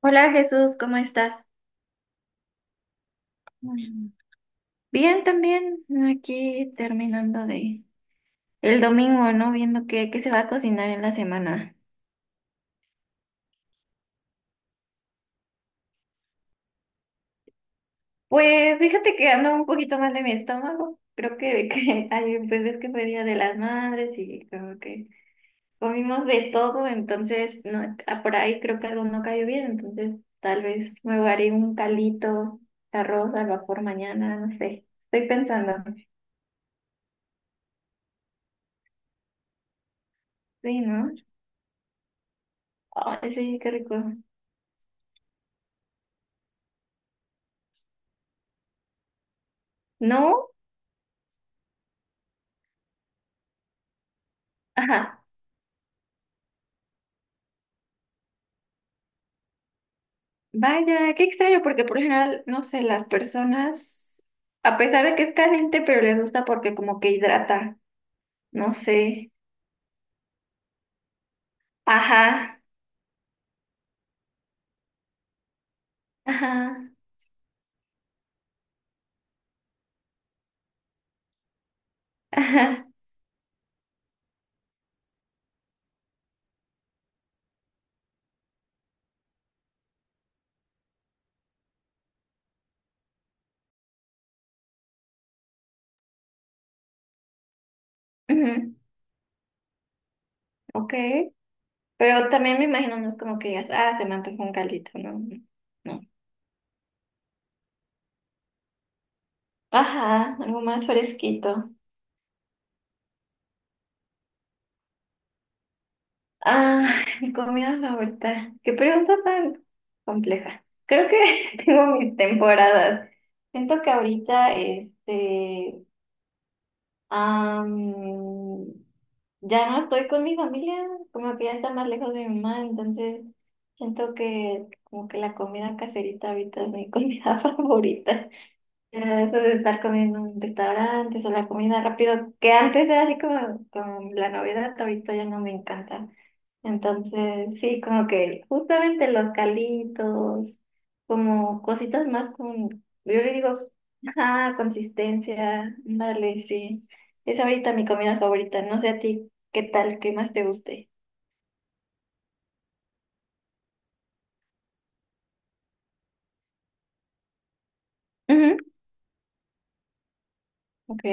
Hola Jesús, ¿cómo estás? Mm. Bien, también aquí terminando de el domingo, ¿no? Viendo qué se va a cocinar en la semana. Pues fíjate que ando un poquito mal de mi estómago. Creo que ayer, pues ves que fue Día de las Madres y como que comimos de todo, entonces no, por ahí creo que algo no cayó bien, entonces tal vez me haré un calito, arroz al vapor mañana, no sé. Estoy pensando. Sí, ¿no? Ay, sí, qué rico. ¿No? Ajá. Vaya, qué extraño, porque por lo general, no sé, las personas, a pesar de que es caliente, pero les gusta porque como que hidrata, no sé. Ajá, ajá, ajá. Ujú, ok. Pero también me imagino, no es como que digas, ah, se me antojó un caldito, no, no. Ajá, algo más fresquito. Ah, mi comida favorita. Qué pregunta tan compleja. Creo que tengo mis temporadas. Siento que ahorita, este. Am, ya no estoy con mi familia, como que ya está más lejos de mi mamá, entonces siento que como que la comida caserita ahorita es mi comida favorita. Ah, eso de estar comiendo en restaurantes o la comida rápido, que antes era así como, como la novedad, ahorita ya no me encanta. Entonces, sí, como que justamente los calitos, como cositas más con, yo le digo, ah, consistencia, dale, sí. Es ahorita mi comida favorita, no sé a ti, ¿qué tal? ¿Qué más te guste? Ujú, ok.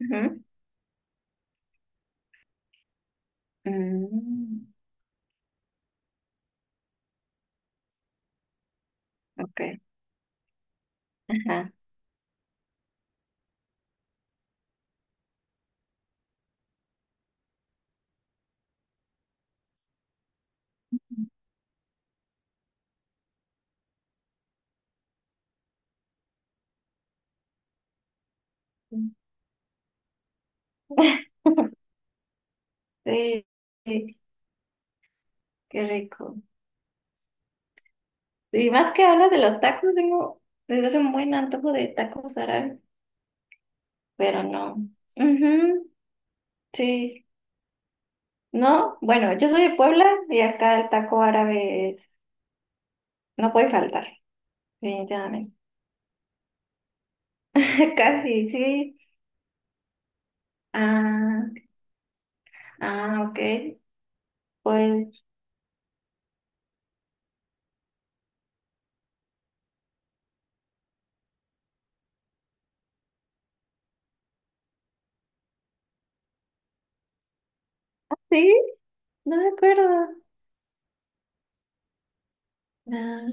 Ujú, mm, ok. Ajá. Sí, qué rico. Y más que hablas de los tacos, tengo desde hace un buen antojo de tacos árabes, pero no. Ujú, sí. No, bueno, yo soy de Puebla y acá el taco árabe no puede faltar, definitivamente. Casi, sí. Ah, ah, ok. Pues sí, no me acuerdo. Ah,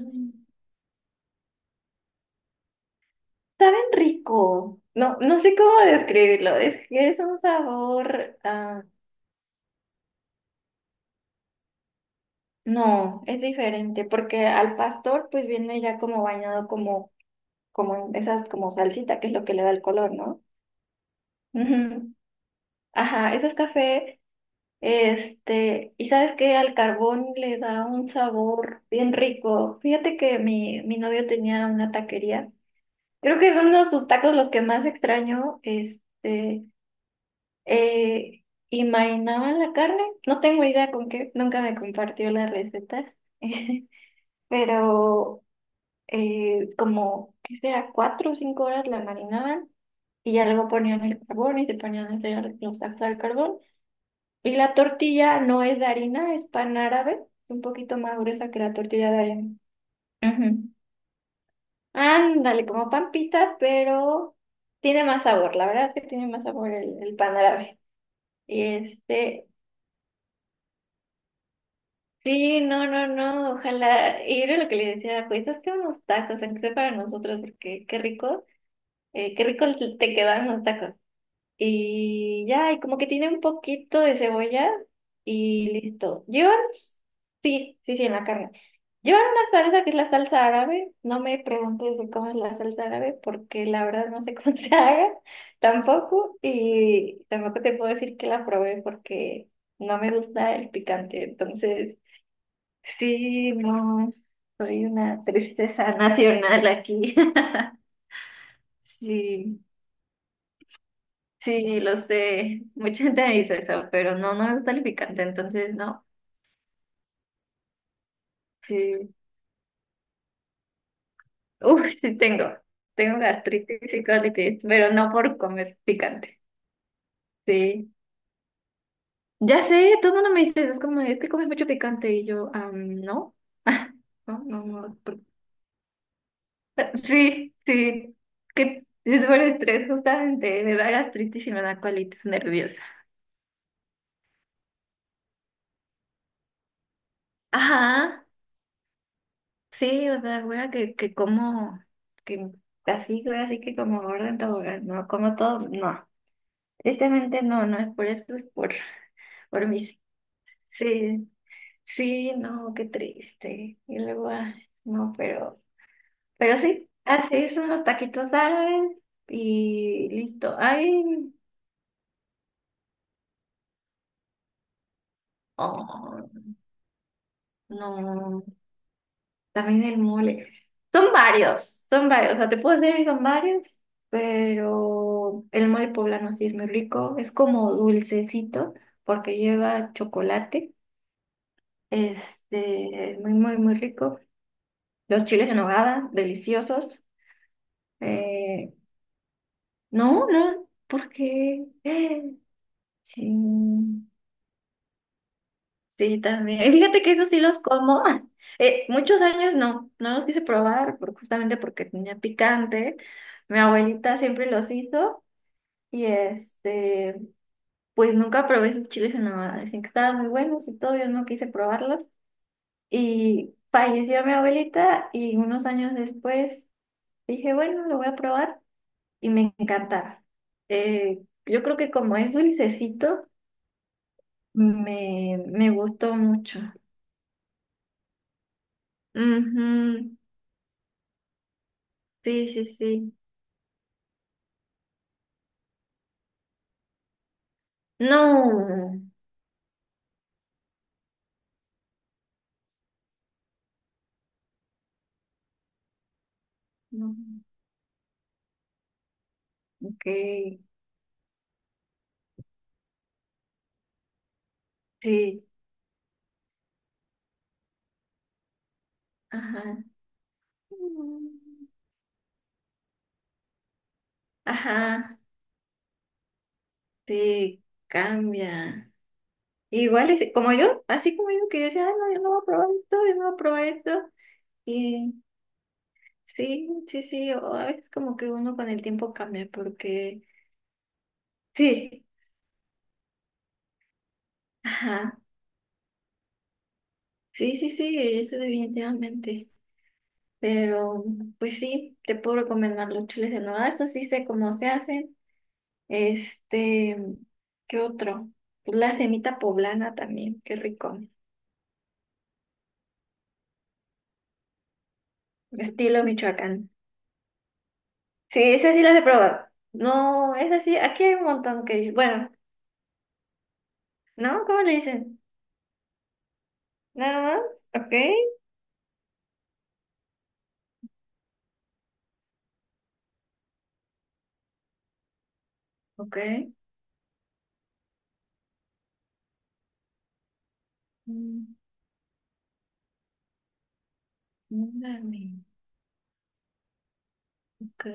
saben rico. No, no sé cómo describirlo. Es que es un sabor. No, es diferente, porque al pastor pues viene ya como bañado como, como en esas como salsita, que es lo que le da el color, ¿no? Ujú. Ajá, eso es café, este, y sabes que al carbón le da un sabor bien rico. Fíjate que mi novio tenía una taquería. Creo que son uno de sus tacos los que más extraño, este, eh, y marinaban la carne. No tengo idea con qué, nunca me compartió la receta. Pero como, ¿qué será? 4 o 5 horas la marinaban y ya luego ponían el carbón y se ponían a hacer los tacos al carbón. Y la tortilla no es de harina, es pan árabe, un poquito más gruesa que la tortilla de harina. Ujú. Ándale, como pan pita, pero tiene más sabor, la verdad es que tiene más sabor el pan árabe. Y este, sí, no, no, no, ojalá, y era lo que le decía, pues hazte unos tacos, aunque sea para nosotros, porque qué rico te quedan los tacos. Y ya, y como que tiene un poquito de cebolla y listo. Llevan, sí, sí, sí, en la carne. Llevan una salsa que es la salsa árabe. No me preguntes de cómo es la salsa árabe porque la verdad no sé cómo se haga tampoco. Y tampoco te puedo decir que la probé porque no me gusta el picante. Entonces, sí, no, soy una tristeza nacional aquí. Sí. Sí, lo sé. Mucha gente me dice eso, pero no, no me gusta el picante, entonces no. Sí. Uf, sí tengo. Tengo gastritis y colitis, pero no por comer picante. Sí. Ya sé, todo el mundo me dice, es como, es que comes mucho picante y yo, ah, no. No, no, no. Sí, sí. Que es por estrés, justamente. Me da gastritis y me da colitis nerviosa. Ajá. Sí, o sea, güey, que como, que así, güey, así que como gorda en tobogán, no, como todo, no. Tristemente no, no es por eso, es por mis, sí, sí, no, qué triste. Y luego, ah, no, pero, sí, así son los taquitos árabes y listo. Ay, oh, no. También el mole. Son varios, son varios. O sea, te puedo decir son varios, pero el mole poblano sí es muy rico. Es como dulcecito porque lleva chocolate. Este, es muy, muy, muy rico. Los chiles en nogada, deliciosos. Eh, no, no, porque... Sí. Sí, también. Y fíjate que esos sí los como. Muchos años no, no los quise probar justamente porque tenía picante. Mi abuelita siempre los hizo y este, pues nunca probé esos chiles en nogada. Decían que estaban muy buenos y todo, yo no quise probarlos. Y falleció mi abuelita y unos años después dije, bueno, lo voy a probar y me encantaron. Yo creo que como es dulcecito, me gustó mucho. Ujú. Sí, sí, sí. No. No. Ok. Sí. Ajá. Ajá. Sí, cambia. Igual es como yo, así como yo, que yo decía, "Ay, no, yo no voy a probar esto, yo no voy a probar esto." Y sí, sí, sí. O a veces como que uno con el tiempo cambia porque sí. Ajá. Sí, sí, sí, eso definitivamente. Pero, pues sí, te puedo recomendar los chiles de nuevo. Eso sí sé cómo se hacen. Este, ¿qué otro? Pues la semita poblana también, qué rico. Estilo Michoacán. Sí, esas sí las he probado. No, es así. Aquí hay un montón que dicen. Bueno, ¿no? ¿Cómo le dicen? Nada más. Ok. Ok. Mm, ándale, ok.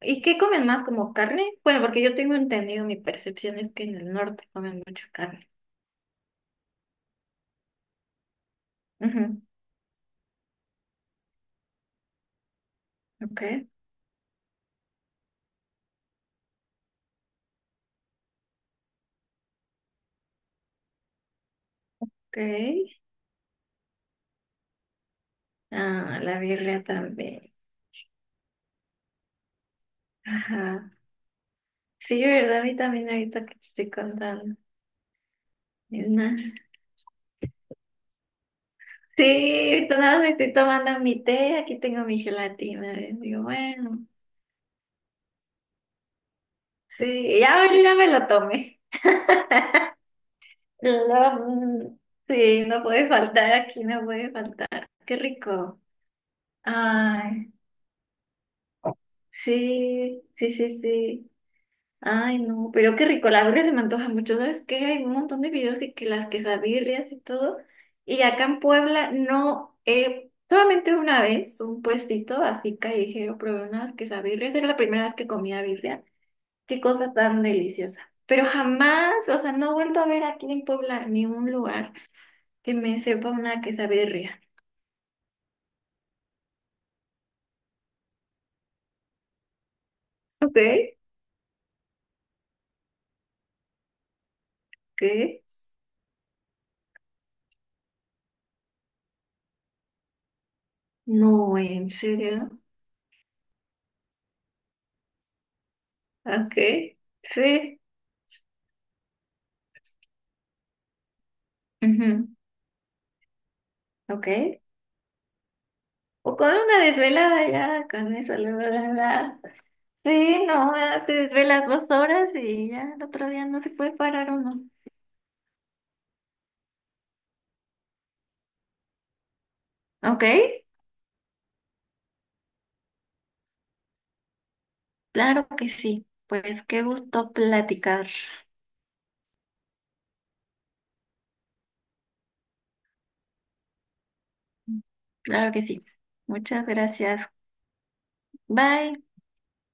¿Y qué comen más? ¿Como carne? Bueno, porque yo tengo entendido, mi percepción es que en el norte comen mucha carne. Ujú, ok. Ok. Ah, la birria también. Ajá. Sí, ¿verdad? A mí también ahorita que te estoy contando. Es na- Sí, ahorita nada más me estoy tomando mi té, aquí tengo mi gelatina. Digo, bueno, sí, ya, ya me lo tomé. Lo- mm, sí, no puede faltar aquí, no puede faltar. Qué rico. Ay, sí, sí, sí, sí. Ay, no, pero qué rico, la birria se me antoja mucho. ¿Sabes qué? Hay un montón de videos y que las quesabirrias y todo. Y acá en Puebla no, solamente una vez, un puestito así callejero, probé unas quesabirrias. Era la primera vez que comía birria. Qué cosa tan deliciosa. Pero jamás, o sea, no he vuelto a ver aquí en Puebla ni un lugar que me sepa una quesabirria. Ok, ¿qué? No, en serio. Ok, sí. Ujú, ok. O con una desvelada ya, con eso, la verdad. Sí, no, ya te desvelas 2 horas y ya el otro día no se puede parar uno. ¿Ok? Claro que sí. Pues qué gusto platicar. Claro que sí. Muchas gracias. Bye.